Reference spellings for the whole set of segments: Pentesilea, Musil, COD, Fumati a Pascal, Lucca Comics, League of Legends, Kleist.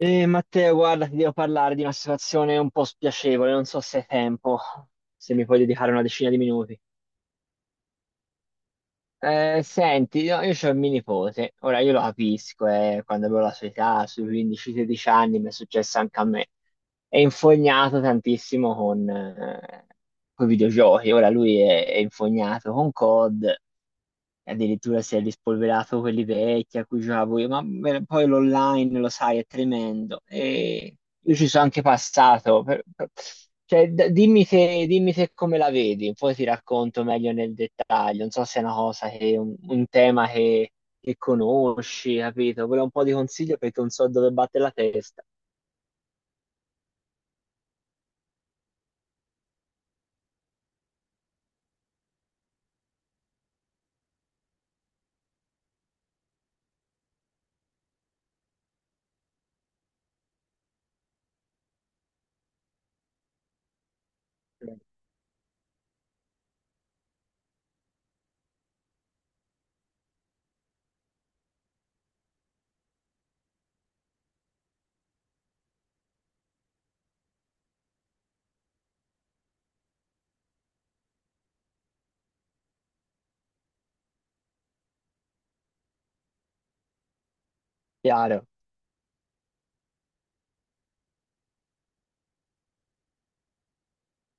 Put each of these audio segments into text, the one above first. Matteo, guarda, ti devo parlare di una situazione un po' spiacevole, non so se hai tempo, se mi puoi dedicare una decina di minuti. Senti, io c'ho il mio nipote, ora io lo capisco, quando avevo la sua età, sui 15-16 anni, mi è successo anche a me. È infognato tantissimo con, i videogiochi, ora lui è infognato con COD, e addirittura si è rispolverato quelli vecchi a cui giocavo io, ma beh, poi l'online lo sai è tremendo e io ci sono anche passato. Cioè, dimmi te come la vedi, poi ti racconto meglio nel dettaglio. Non so se è una cosa che, un tema che conosci, capito? Volevo un po' di consiglio perché non so dove batte la testa. Chiaro.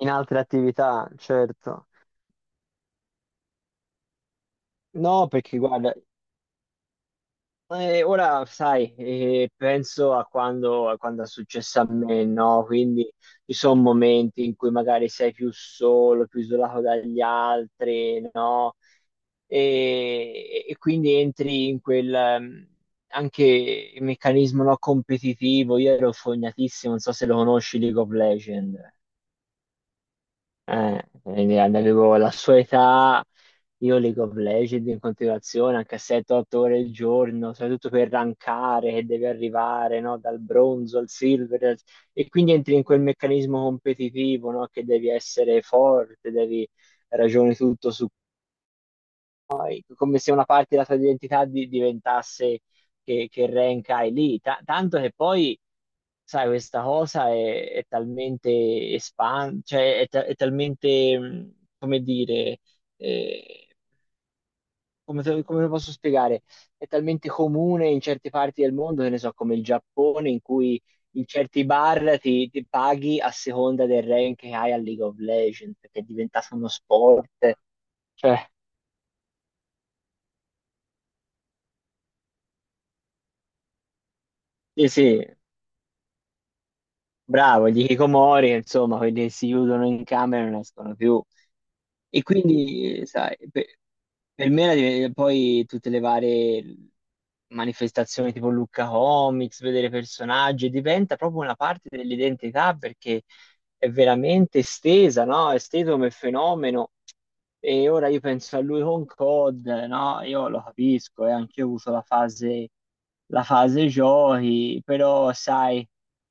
In altre attività, certo. No, perché guarda, ora, sai, penso a quando è successo a me, no? Quindi ci sono momenti in cui magari sei più solo, più isolato dagli altri, no? E quindi entri in quel anche meccanismo no, competitivo. Io ero fognatissimo, non so se lo conosci, League of Legends. Quindi avevo la sua età, io League of Legends in continuazione, anche a 7-8 ore al giorno, soprattutto per rankare che devi arrivare, no? Dal bronzo al silver, e quindi entri in quel meccanismo competitivo, no? Che devi essere forte, devi ragionare tutto su come se una parte della tua identità diventasse che rank hai lì. Tanto che poi sai, questa cosa è talmente cioè è talmente, come dire, eh, come, come lo posso spiegare? È talmente comune in certe parti del mondo, che ne so, come il Giappone, in cui in certi bar ti paghi a seconda del rank che hai a League of Legends, che è diventato uno sport. Cioè, sì, sì, bravo, gli hikikomori, insomma, quelli che si chiudono in camera e non escono più. E quindi, sai, per me era poi tutte le varie manifestazioni tipo Lucca Comics, vedere personaggi, diventa proprio una parte dell'identità perché è veramente estesa, no? È esteso come fenomeno. E ora io penso a lui con COD, no? Io lo capisco, e anche io ho avuto la fase giochi, però sai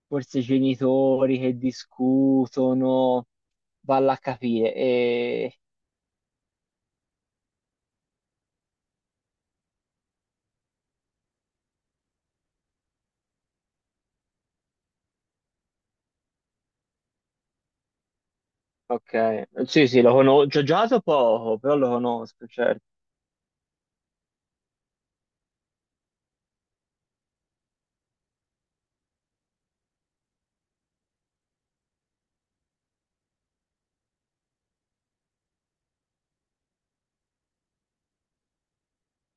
forse i genitori che discutono, valla a capire. E... Ok, sì, sì, lo conosco, ci ho giocato poco, però lo conosco, certo.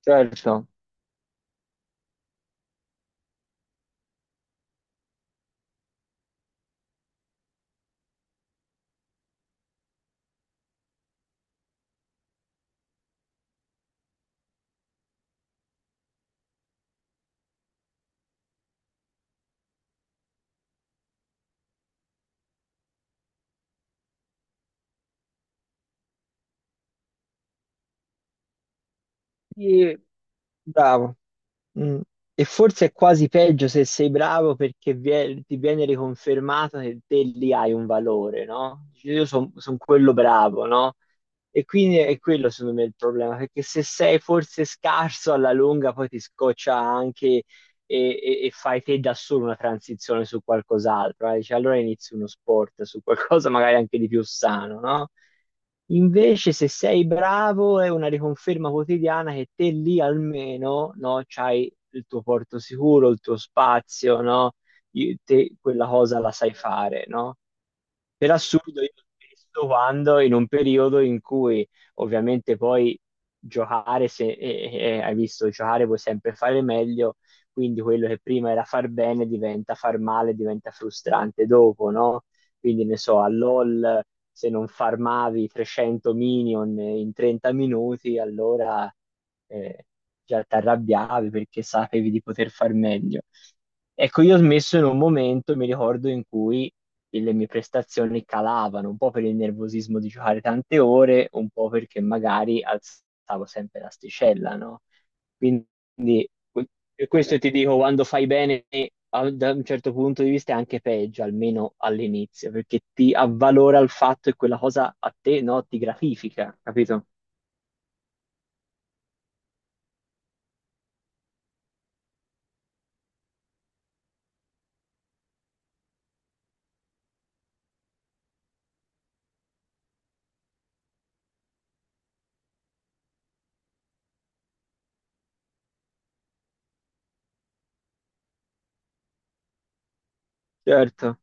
Certo. Sì, bravo. Mm. E forse è quasi peggio se sei bravo perché ti viene riconfermato che te lì hai un valore, no? Dici, io sono quello bravo, no? E quindi è quello secondo me il problema, perché se sei forse scarso alla lunga poi ti scoccia anche e fai te da solo una transizione su qualcos'altro. Eh. Dici, allora inizi uno sport su qualcosa magari anche di più sano, no? Invece se sei bravo è una riconferma quotidiana che te lì almeno, no, c'hai il tuo porto sicuro, il tuo spazio, no? Te quella cosa la sai fare, no? Per assurdo, io spesso quando in un periodo in cui ovviamente poi giocare, se hai visto, giocare puoi sempre fare meglio, quindi quello che prima era far bene diventa far male, diventa frustrante dopo, no? Quindi ne so, a LOL se non farmavi 300 minion in 30 minuti, allora eh, già ti arrabbiavi perché sapevi di poter far meglio. Ecco, io ho smesso in un momento, mi ricordo, in cui le mie prestazioni calavano, un po' per il nervosismo di giocare tante ore, un po' perché magari alzavo sempre l'asticella, no? Quindi que- questo ti dico, quando fai bene da un certo punto di vista è anche peggio, almeno all'inizio, perché ti avvalora il fatto e quella cosa a te, no, ti gratifica, capito? Certo.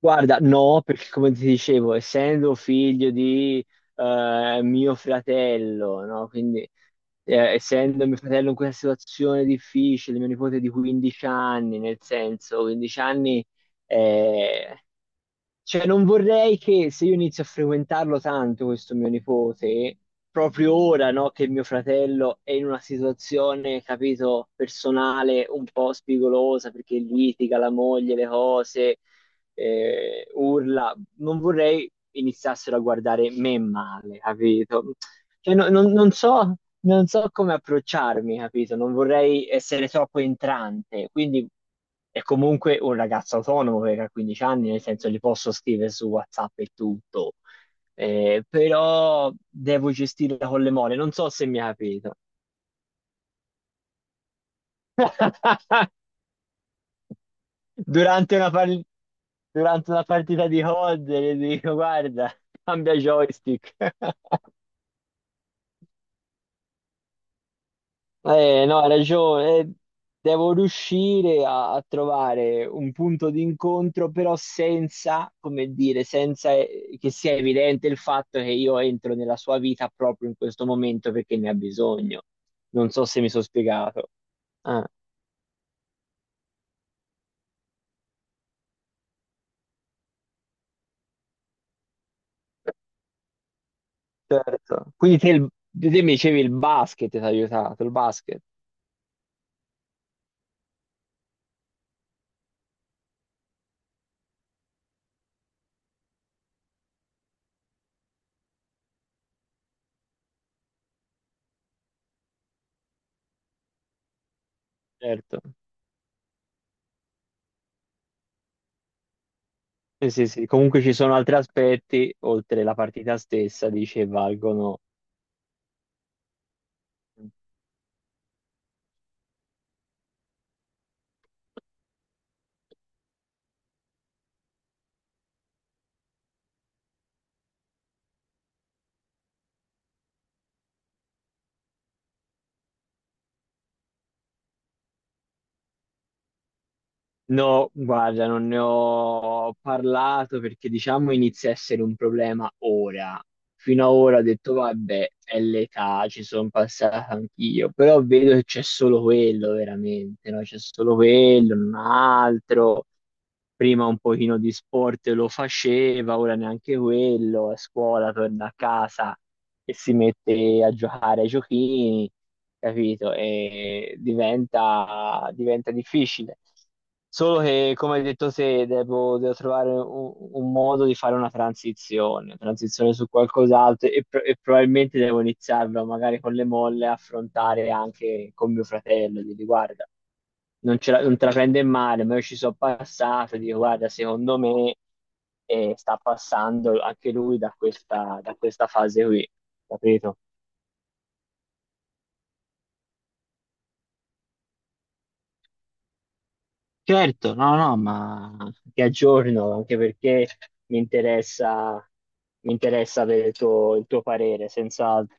Guarda, no, perché come ti dicevo, essendo figlio di mio fratello, no? Quindi essendo mio fratello in questa situazione difficile, mio nipote di 15 anni, nel senso, 15 anni eh, cioè, non vorrei che se io inizio a frequentarlo tanto, questo mio nipote, proprio ora, no, che mio fratello è in una situazione, capito, personale un po' spigolosa perché litiga la moglie, le cose, urla, non vorrei iniziassero a guardare me male, capito? Cioè, non so, non so come approcciarmi, capito? Non vorrei essere troppo entrante, quindi è comunque un ragazzo autonomo perché ha 15 anni, nel senso gli posso scrivere su WhatsApp e tutto. Però devo gestirla con le mole, non so se mi ha capito. Durante una, par- durante una partita di COD gli dico, guarda, cambia joystick. No, hai ragione. Devo riuscire a trovare un punto di incontro, però senza, come dire, senza che sia evidente il fatto che io entro nella sua vita proprio in questo momento perché ne ha bisogno. Non so se mi sono spiegato. Ah, certo. Quindi te, te mi dicevi il basket ti ha aiutato, il basket, certo. Sì, sì, sì. Comunque ci sono altri aspetti, oltre la partita stessa, dice, valgono. No, guarda, non ne ho parlato perché diciamo inizia a essere un problema ora. Fino ad ora ho detto, vabbè, è l'età, ci sono passata anch'io, però vedo che c'è solo quello veramente, no? C'è solo quello, non altro. Prima un pochino di sport lo faceva, ora neanche quello, a scuola torna a casa e si mette a giocare ai giochini, capito? E diventa difficile. Solo che, come hai detto te, devo trovare un modo di fare una transizione su qualcos'altro e, probabilmente devo iniziarlo magari con le molle a affrontare anche con mio fratello, di guarda non te la prende male, ma io ci sono passato, dico guarda, secondo me sta passando anche lui da da questa fase qui, capito? Certo, no, no, ma ti aggiorno anche perché mi interessa, mi interessa avere il tuo parere, senz'altro.